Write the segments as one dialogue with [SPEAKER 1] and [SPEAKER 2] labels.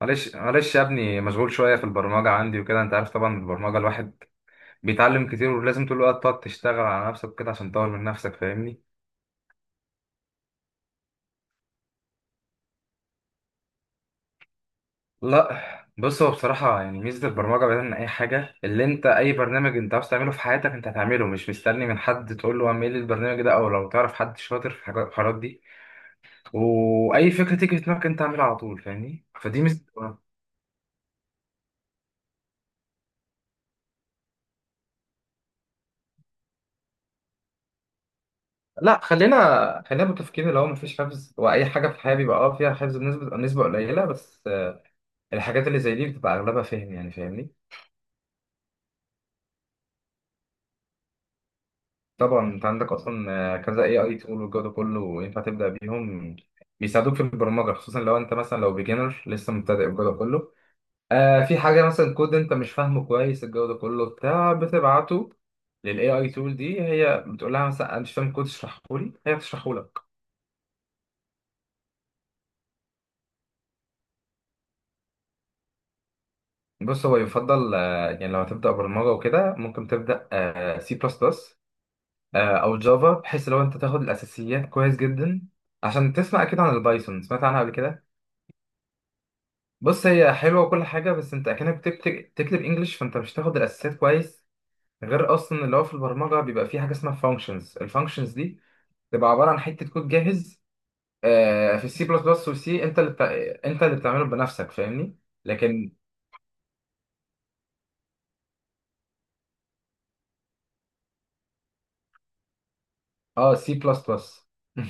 [SPEAKER 1] معلش يا ابني، مشغول شوية في البرمجة عندي وكده. انت عارف طبعا، البرمجة الواحد بيتعلم كتير، ولازم طول الوقت تقعد تشتغل على نفسك كده عشان تطور من نفسك، فاهمني؟ لا، بص هو بصراحة يعني ميزة البرمجة بعيدا عن أي حاجة، اللي أنت أي برنامج أنت عاوز تعمله في حياتك أنت هتعمله، مش مستني من حد تقول له اعمل لي البرنامج ده، أو لو تعرف حد شاطر في الحاجات دي. وأي فكرة تيجي في دماغك أنت اعملها على طول، فاهمني؟ فدي ميزة. لا، خلينا متفقين اللي هو مفيش حفظ، واي حاجه في الحياه بيبقى اه فيها حفظ بنسبه قليله بس. الحاجات اللي زي دي بتبقى اغلبها فهم، يعني فاهمني. طبعا انت عندك اصلا كذا اي تول والجو ده كله ينفع تبدا بيهم. بيساعدوك في البرمجه، خصوصا لو انت مثلا لو بيجنر لسه مبتدئ والجو ده كله. آه، في حاجه مثلا كود انت مش فاهمه كويس، الجو ده كله بتاع بتبعته للاي اي تول دي، هي بتقول لها مثلا انا مش فاهم كود اشرحه لي، هي بتشرحه لك. بص، هو يفضل يعني لو هتبدا برمجه وكده ممكن تبدا سي بلس بلس، او جافا، بحيث لو انت تاخد الاساسيات كويس جدا. عشان تسمع، اكيد عن البايثون سمعت عنها قبل كده. بص، هي حلوه وكل حاجه، بس انت اكنك تكتب انجلش، فانت مش هتاخد الاساسيات كويس. غير اصلا اللي هو في البرمجه بيبقى في حاجه اسمها فانكشنز، الفانكشنز دي بتبقى عباره عن حته كود جاهز. في السي بلس بلس والسي انت انت اللي بتعمله بنفسك، فاهمني. لكن اه، سي بلس بلس.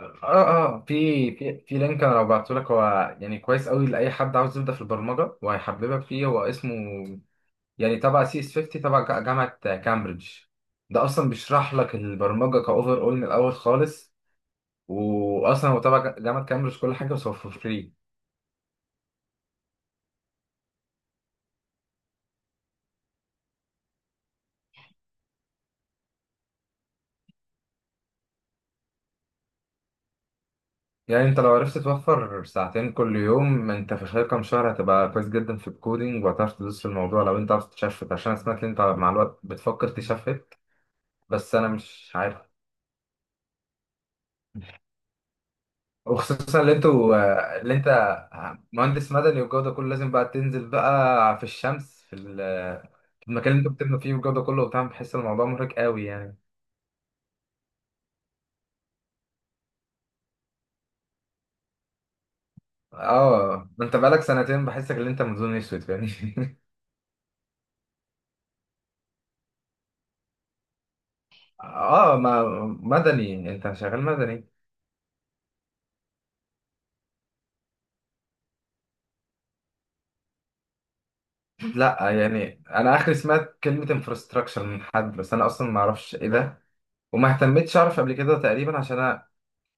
[SPEAKER 1] اه في في لينك، انا لو بعته لك هو يعني كويس قوي لاي حد عاوز يبدا في البرمجه، وهيحببك فيه. هو اسمه يعني تبع سي اس 50 تبع جامعه كامبريدج. ده اصلا بيشرح لك البرمجه كاوفر اول من الاول خالص، واصلا هو تبع جامعه كامبريدج كل حاجه، بس هو فور فري. يعني انت لو عرفت توفر ساعتين كل يوم، انت في خلال كام شهر هتبقى كويس جدا في الكودينج، وهتعرف تدوس في الموضوع لو انت عاوز تشفت، عشان أنا سمعت ان انت مع الوقت بتفكر تشفت. بس انا مش عارف، وخصوصا اللي اللي انت مهندس مدني والجو ده كله، لازم بقى تنزل بقى في الشمس، في المكان اللي انتوا بتبنوا فيه والجو ده كله وبتاع. بحس الموضوع مرهق قوي يعني. اه، ده انت بقالك سنتين بحسك ان انت منظور اسود يعني. اه، ما مدني، انت شغال مدني. لا يعني انا اخري سمعت كلمة انفراستراكشر من حد، بس انا اصلا ما اعرفش ايه ده، وما اهتمتش اعرف قبل كده تقريبا، عشان انا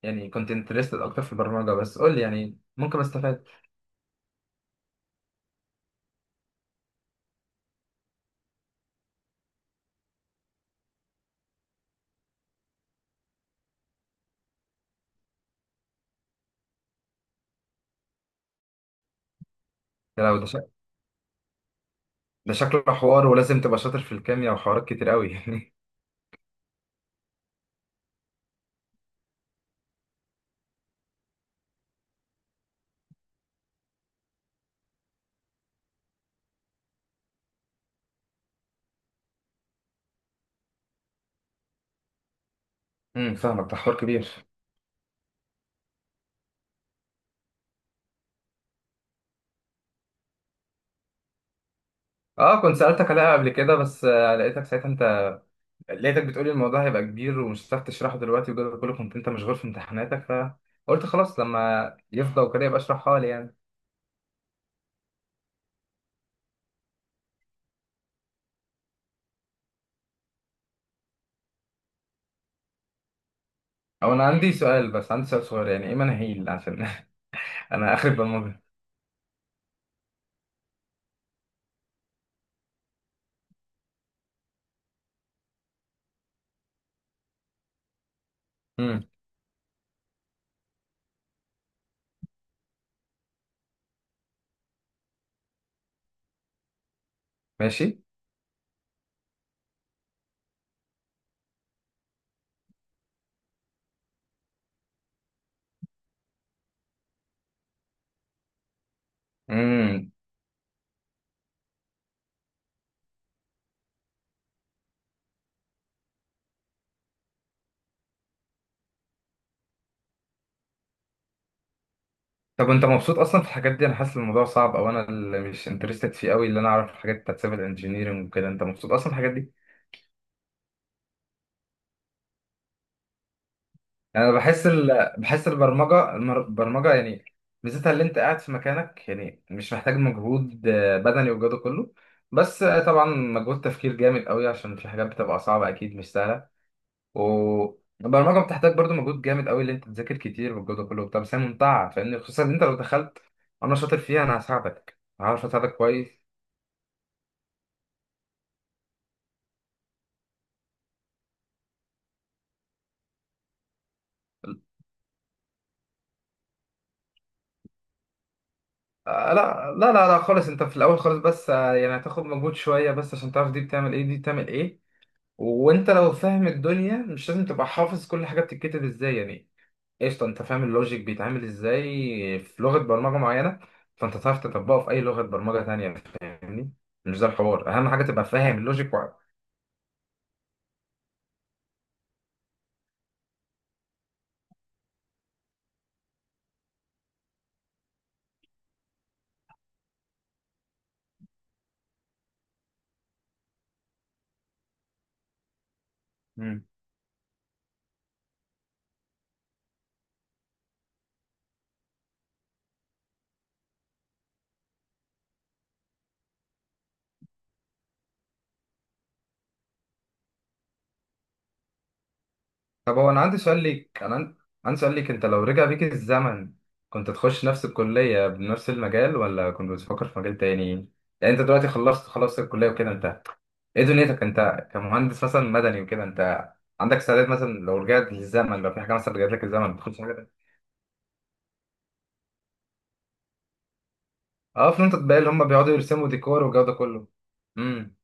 [SPEAKER 1] يعني كنت انترستد اكتر في البرمجة. بس قول لي يعني ممكن استفاد. لو ده شكله حوار ولازم تبقى شاطر في الكيمياء وحوارات كتير قوي. امم، فاهمك، ده حوار كبير. اه، كنت سألتك عليها قبل كده، بس لقيتك ساعتها انت لقيتك بتقولي الموضوع هيبقى كبير ومش هتعرف تشرحه دلوقتي وكده كله، كنت انت مشغول في امتحاناتك، فقلت خلاص لما يفضى وكده يبقى اشرحها لي يعني. او انا عندي سؤال بس عندي سؤال صغير، يعني ايه مناهيل عشان انا اخر برمجة. امم. ماشي. امم، طب انت مبسوط اصلا في الحاجات دي؟ انا حاسس الموضوع صعب، او انا اللي مش انترستد فيه قوي، اللي انا اعرف الحاجات بتاعت سيفل انجينيرنج وكده. انت مبسوط اصلا في الحاجات دي؟ يعني انا بحس البرمجه البرمجه يعني ميزتها اللي انت قاعد في مكانك، يعني مش محتاج مجهود بدني والجو ده كله. بس طبعا مجهود تفكير جامد قوي، عشان في حاجات بتبقى صعبه اكيد مش سهله. والبرمجه بتحتاج برضو مجهود جامد قوي، اللي انت تذاكر كتير والجو ده كله. طب بس هي ممتعه فاهمني، خصوصا ان انت لو دخلت. انا شاطر فيها، انا هساعدك، هعرف اساعدك كويس. لا خالص، انت في الاول خالص بس يعني هتاخد مجهود شويه بس عشان تعرف دي بتعمل ايه دي بتعمل ايه. وانت لو فاهم الدنيا، مش لازم تبقى حافظ كل حاجه بتتكتب ازاي يعني. قشطه، انت فاهم اللوجيك بيتعمل ازاي في لغه برمجه معينه، فانت تعرف تطبقه في اي لغه برمجه تانية، فاهمني. مش ده الحوار، اهم حاجه تبقى فاهم اللوجيك وعارف. طب هو انا عندي سؤال ليك، عندي سؤال ليك، انت لو رجع بيك الزمن كنت تخش نفس الكلية بنفس المجال، ولا كنت بتفكر في مجال تاني؟ يعني انت دلوقتي خلصت، الكلية وكده. انت ايه دنيتك انت كمهندس مثلا مدني وكده؟ انت عندك استعداد مثلا لو رجعت للزمن، لو في حاجة مثلا رجعت لك الزمن تخش حاجة تانية؟ اه فهمت بقى، اللي هم بيقعدوا يرسموا ديكور والجو ده كله. امم.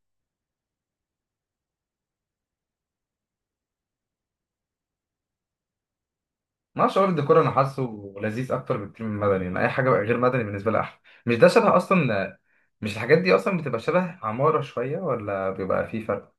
[SPEAKER 1] ما شعور الديكور انا حاسه لذيذ اكتر بكتير من المدني، يعني اي حاجه غير مدني بالنسبه لي احلى. مش ده شبه اصلا، مش الحاجات دي اصلا بتبقى شبه عماره شويه، ولا بيبقى في فرق؟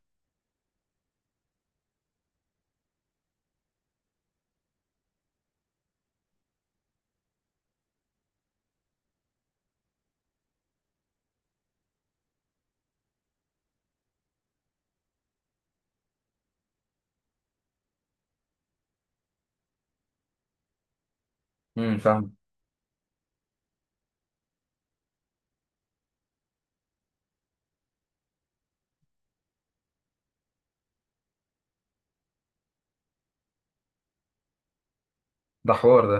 [SPEAKER 1] امم، فاهم. ده حوار ده.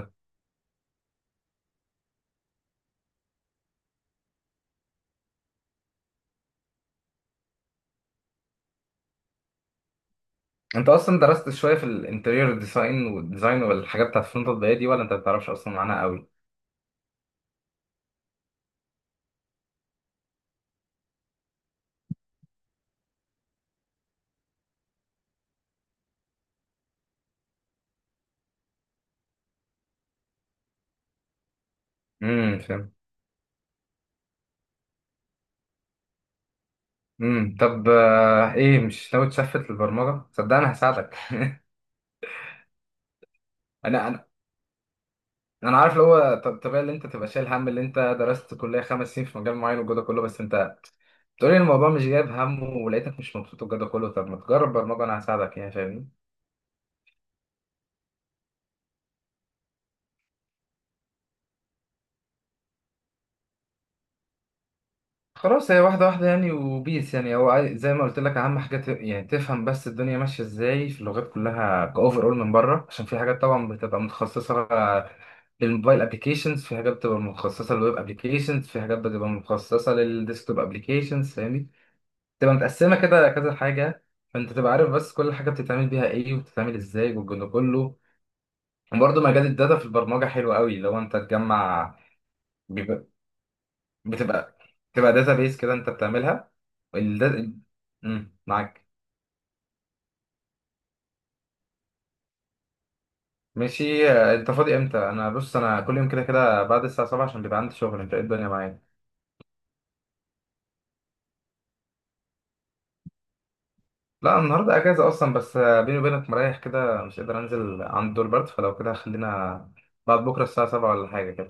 [SPEAKER 1] انت اصلا درست شويه في الانتريور ديزاين والديزاين والحاجات بتاعت الفرونت الضيقه دي، ولا انت ما بتعرفش اصلا عنها قوي؟ امم، فاهم. امم، طب ايه مش ناوي تشفت للبرمجه؟ صدقني هساعدك. انا انا عارف اللي هو طبيعي اللي انت تبقى شايل هم اللي انت درست كليه خمس سنين في مجال معين والجو ده كله، بس انت بتقولي الموضوع مش جايب همه، ولقيتك مش مبسوط والجو ده كله، طب ما تجرب برمجه، انا هساعدك يعني فاهمني. خلاص، هي واحده واحده يعني وبيس، يعني هو زي ما قلت لك اهم حاجه يعني تفهم بس الدنيا ماشيه ازاي في اللغات كلها كاوفر اول من بره. عشان في حاجات طبعا بتبقى متخصصه للموبايل ابلكيشنز، في حاجات بتبقى متخصصه للويب ابلكيشنز، في حاجات بتبقى متخصصه للديسكتوب ابلكيشنز، فاهمني؟ تبقى متقسمة كده كذا حاجة. فأنت تبقى عارف بس كل حاجة بتتعمل بيها إيه وبتتعمل إزاي والجو ده كله. وبرضه مجال الداتا في البرمجة حلو قوي لو أنت تجمع. بيبقى- بتبقى بتبقى داتا بيس كده أنت بتعملها. والدا... مم، معاك. ماشي. آه، أنت فاضي إمتى؟ أنا بص أنا كل يوم كده كده بعد الساعة 7، عشان بيبقى عندي شغل. أنت إيه الدنيا معايا؟ لا، النهاردة أجازة أصلا، بس آه، بيني وبينك مريح كده مش قادر أنزل، عند دور برد فلو كده. خلينا بعد بكرة الساعة 7 ولا حاجة كده.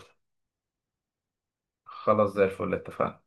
[SPEAKER 1] خلاص، زي الفل، اتفقنا.